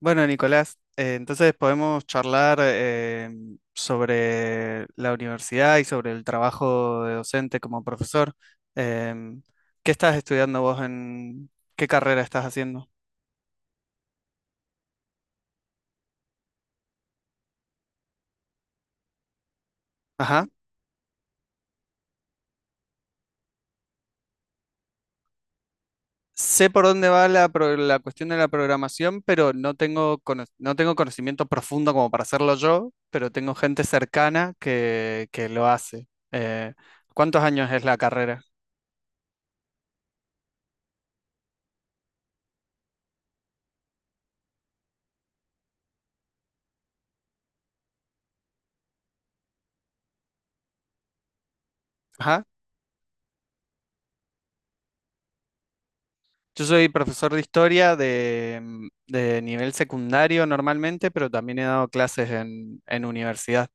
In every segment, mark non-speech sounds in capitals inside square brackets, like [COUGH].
Bueno, Nicolás, entonces podemos charlar sobre la universidad y sobre el trabajo de docente como profesor. Em, ¿Qué estás estudiando vos en qué carrera estás haciendo? Ajá. Sé por dónde va la cuestión de la programación, pero no tengo conocimiento profundo como para hacerlo yo, pero tengo gente cercana que lo hace. Eh, ¿Cuántos años es la carrera? Ajá. Yo soy profesor de historia de nivel secundario normalmente, pero también he dado clases en universidad.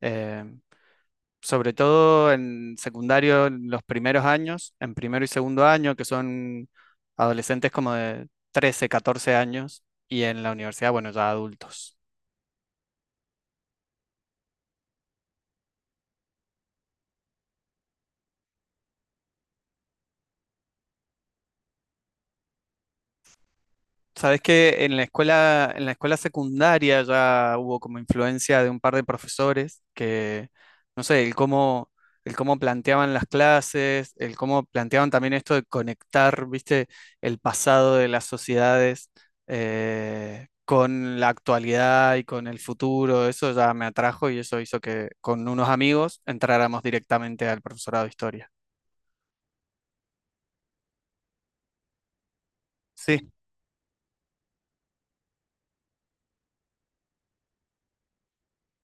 Eh, Sobre todo en secundario, en los primeros años, en primero y segundo año, que son adolescentes como de 13, 14 años, y en la universidad, bueno, ya adultos. Sabes que en la escuela secundaria ya hubo como influencia de un par de profesores que, no sé, el cómo planteaban las clases, el cómo planteaban también esto de conectar, viste, el pasado de las sociedades con la actualidad y con el futuro. Eso ya me atrajo y eso hizo que con unos amigos entráramos directamente al profesorado de historia. Sí.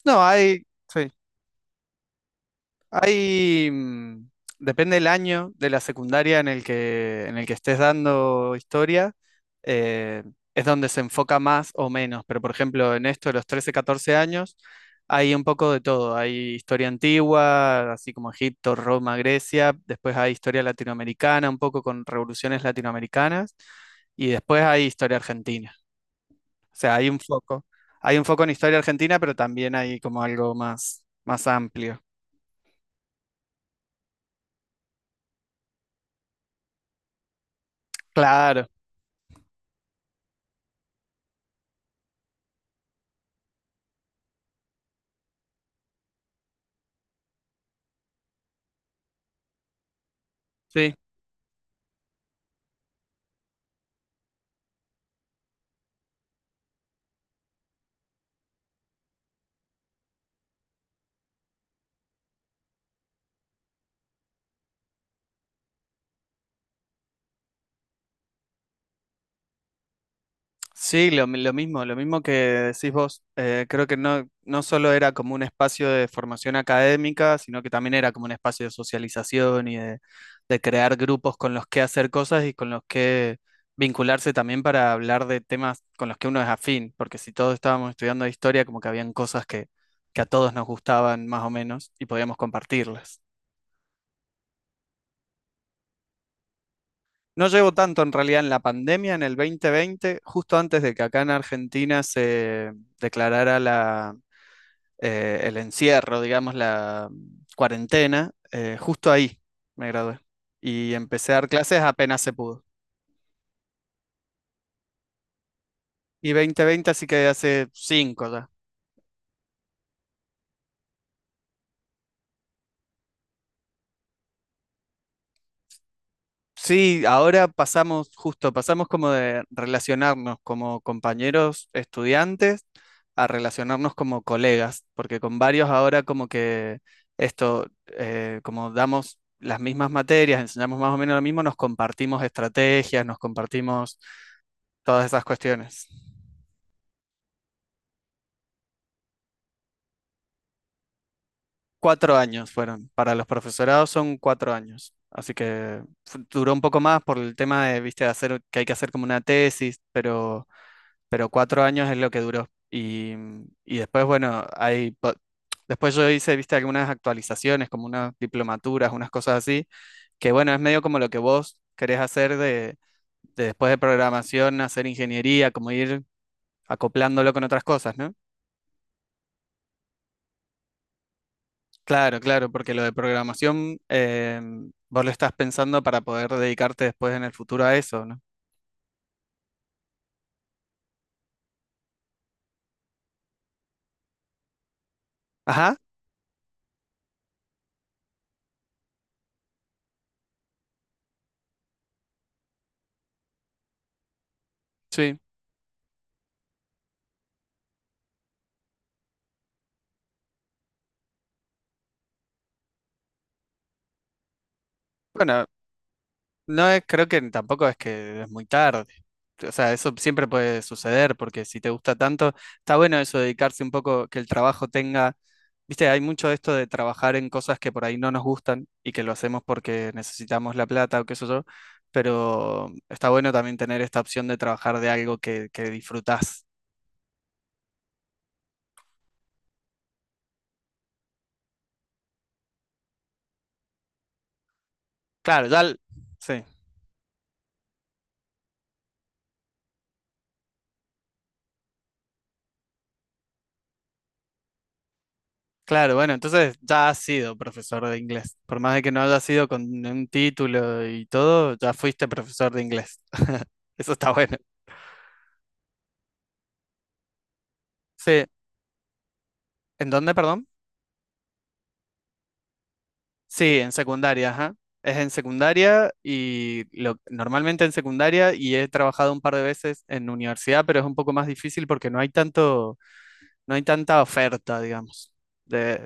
No, hay. Sí. Hay, mm, Depende del año de la secundaria en el que estés dando historia, eh, es donde se enfoca más o menos, pero por ejemplo en esto de los 13, 14 años hay un poco de todo, hay historia antigua, así como Egipto, Roma, Grecia, después hay historia latinoamericana, un poco con revoluciones latinoamericanas, y después hay historia argentina, o sea, hay un foco en historia argentina, pero también hay como algo más, más amplio. Claro. Sí. Sí, lo mismo que decís vos. Creo que no solo era como un espacio de formación académica, sino que también era como un espacio de socialización y de crear grupos con los que hacer cosas y con los que vincularse también para hablar de temas con los que uno es afín, porque si todos estábamos estudiando historia, como que habían cosas que a todos nos gustaban más o menos y podíamos compartirlas. No llevo tanto en realidad en la pandemia, en el 2020, justo antes de que acá en Argentina se declarara la el encierro, digamos, la cuarentena, justo ahí me gradué. Y empecé a dar clases apenas se pudo. Y 2020, así que hace cinco ya. Sí, ahora pasamos, justo, pasamos como de relacionarnos como compañeros estudiantes a relacionarnos como colegas, porque con varios ahora como que esto, como damos las mismas materias, enseñamos más o menos lo mismo, nos compartimos estrategias, nos compartimos todas esas cuestiones. 4 años fueron. Para los profesorados son 4 años. Así que duró un poco más por el tema de, viste, hacer, que hay que hacer como una tesis, pero 4 años es lo que duró. Y después, bueno, después yo hice, viste, algunas actualizaciones, como unas diplomaturas, unas cosas así, que bueno, es medio como lo que vos querés hacer de después de programación, hacer ingeniería, como ir acoplándolo con otras cosas, ¿no? Claro, claro, porque lo de programación vos lo estás pensando para poder dedicarte después en el futuro a eso, ¿no? Ajá, sí. Bueno, creo que tampoco es que es muy tarde. O sea, eso siempre puede suceder porque si te gusta tanto, está bueno eso de dedicarse un poco, que el trabajo tenga, viste, hay mucho de esto de trabajar en cosas que por ahí no nos gustan y que lo hacemos porque necesitamos la plata o qué sé yo, pero está bueno también tener esta opción de trabajar de algo que disfrutás. Claro, ya, sí. Claro, bueno, entonces ya has sido profesor de inglés. Por más de que no haya sido con un título y todo, ya fuiste profesor de inglés. Eso está [LAUGHS] bueno. Sí, ¿en dónde, perdón? Sí, en secundaria, ajá. Es en secundaria y normalmente en secundaria y he trabajado un par de veces en universidad, pero es un poco más difícil porque no hay tanto, no hay tanta oferta, digamos, de,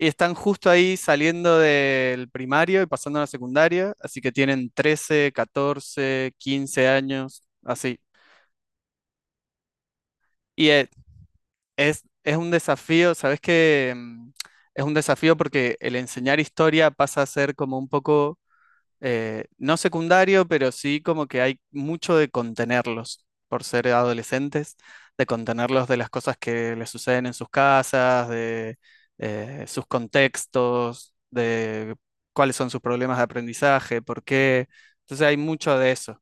Y están justo ahí saliendo del primario y pasando a la secundaria, así que tienen 13 14 15 años, así. Y es un desafío, ¿sabes qué? Es un desafío porque el enseñar historia pasa a ser como un poco no secundario, pero sí como que hay mucho de contenerlos por ser adolescentes, de contenerlos de las cosas que les suceden en sus casas, de sus contextos, de cuáles son sus problemas de aprendizaje, por qué. Entonces hay mucho de eso.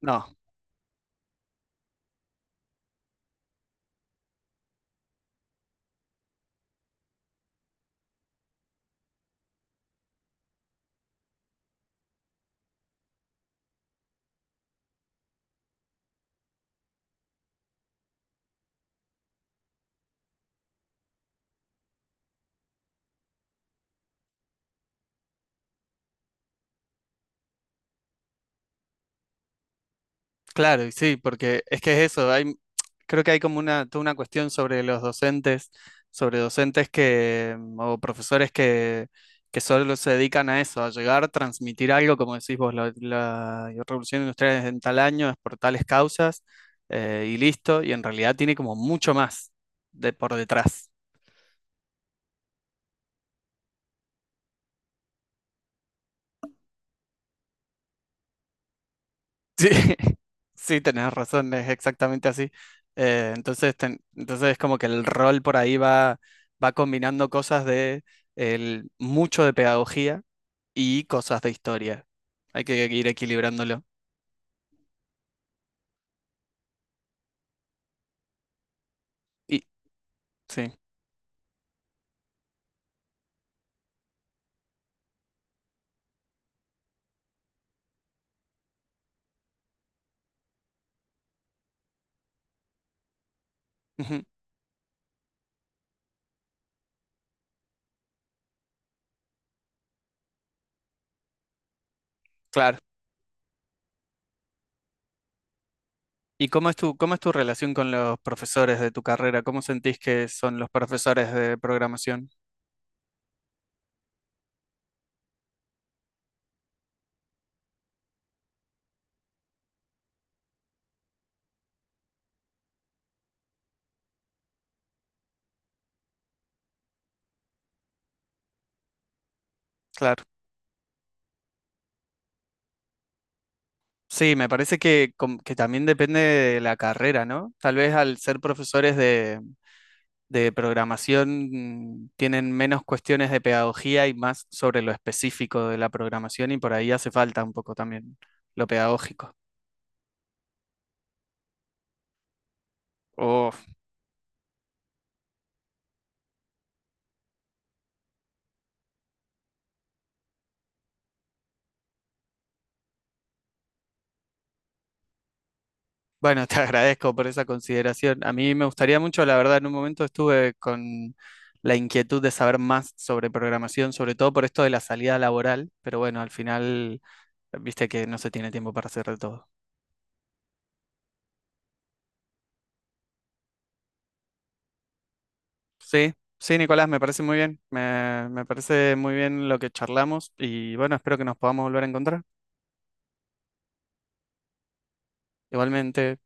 No, claro, y sí, porque es que es eso, creo que hay como toda una cuestión sobre los docentes, sobre docentes que, o profesores que solo se dedican a eso, a llegar, transmitir algo, como decís vos, la revolución industrial es en tal año, es por tales causas, y listo, y en realidad tiene como mucho más de, por detrás. Sí, [LAUGHS] sí, tenés razón, es exactamente así. Entonces, entonces es como que el rol por ahí va, combinando cosas de mucho de pedagogía y cosas de historia. Hay que ir equilibrándolo. Y sí, ujú, claro. ¿Y cómo es tu relación con los profesores de tu carrera? ¿Cómo sentís que son los profesores de programación? Claro. Sí, me parece que, que también depende de la carrera, ¿no? Tal vez al ser profesores de programación tienen menos cuestiones de pedagogía y más sobre lo específico de la programación y por ahí hace falta un poco también lo pedagógico. Oh, bueno, [LAUGHS] te agradezco por esa consideración. A mí me gustaría mucho, la verdad, en un momento estuve con la inquietud de saber más sobre programación, sobre todo por esto de la salida laboral, pero bueno, al final, viste que no se tiene tiempo para hacer de todo. Sí, sí, Nicolás, me parece muy bien, me parece muy bien lo que charlamos y bueno, espero que nos podamos volver a encontrar. Igualmente.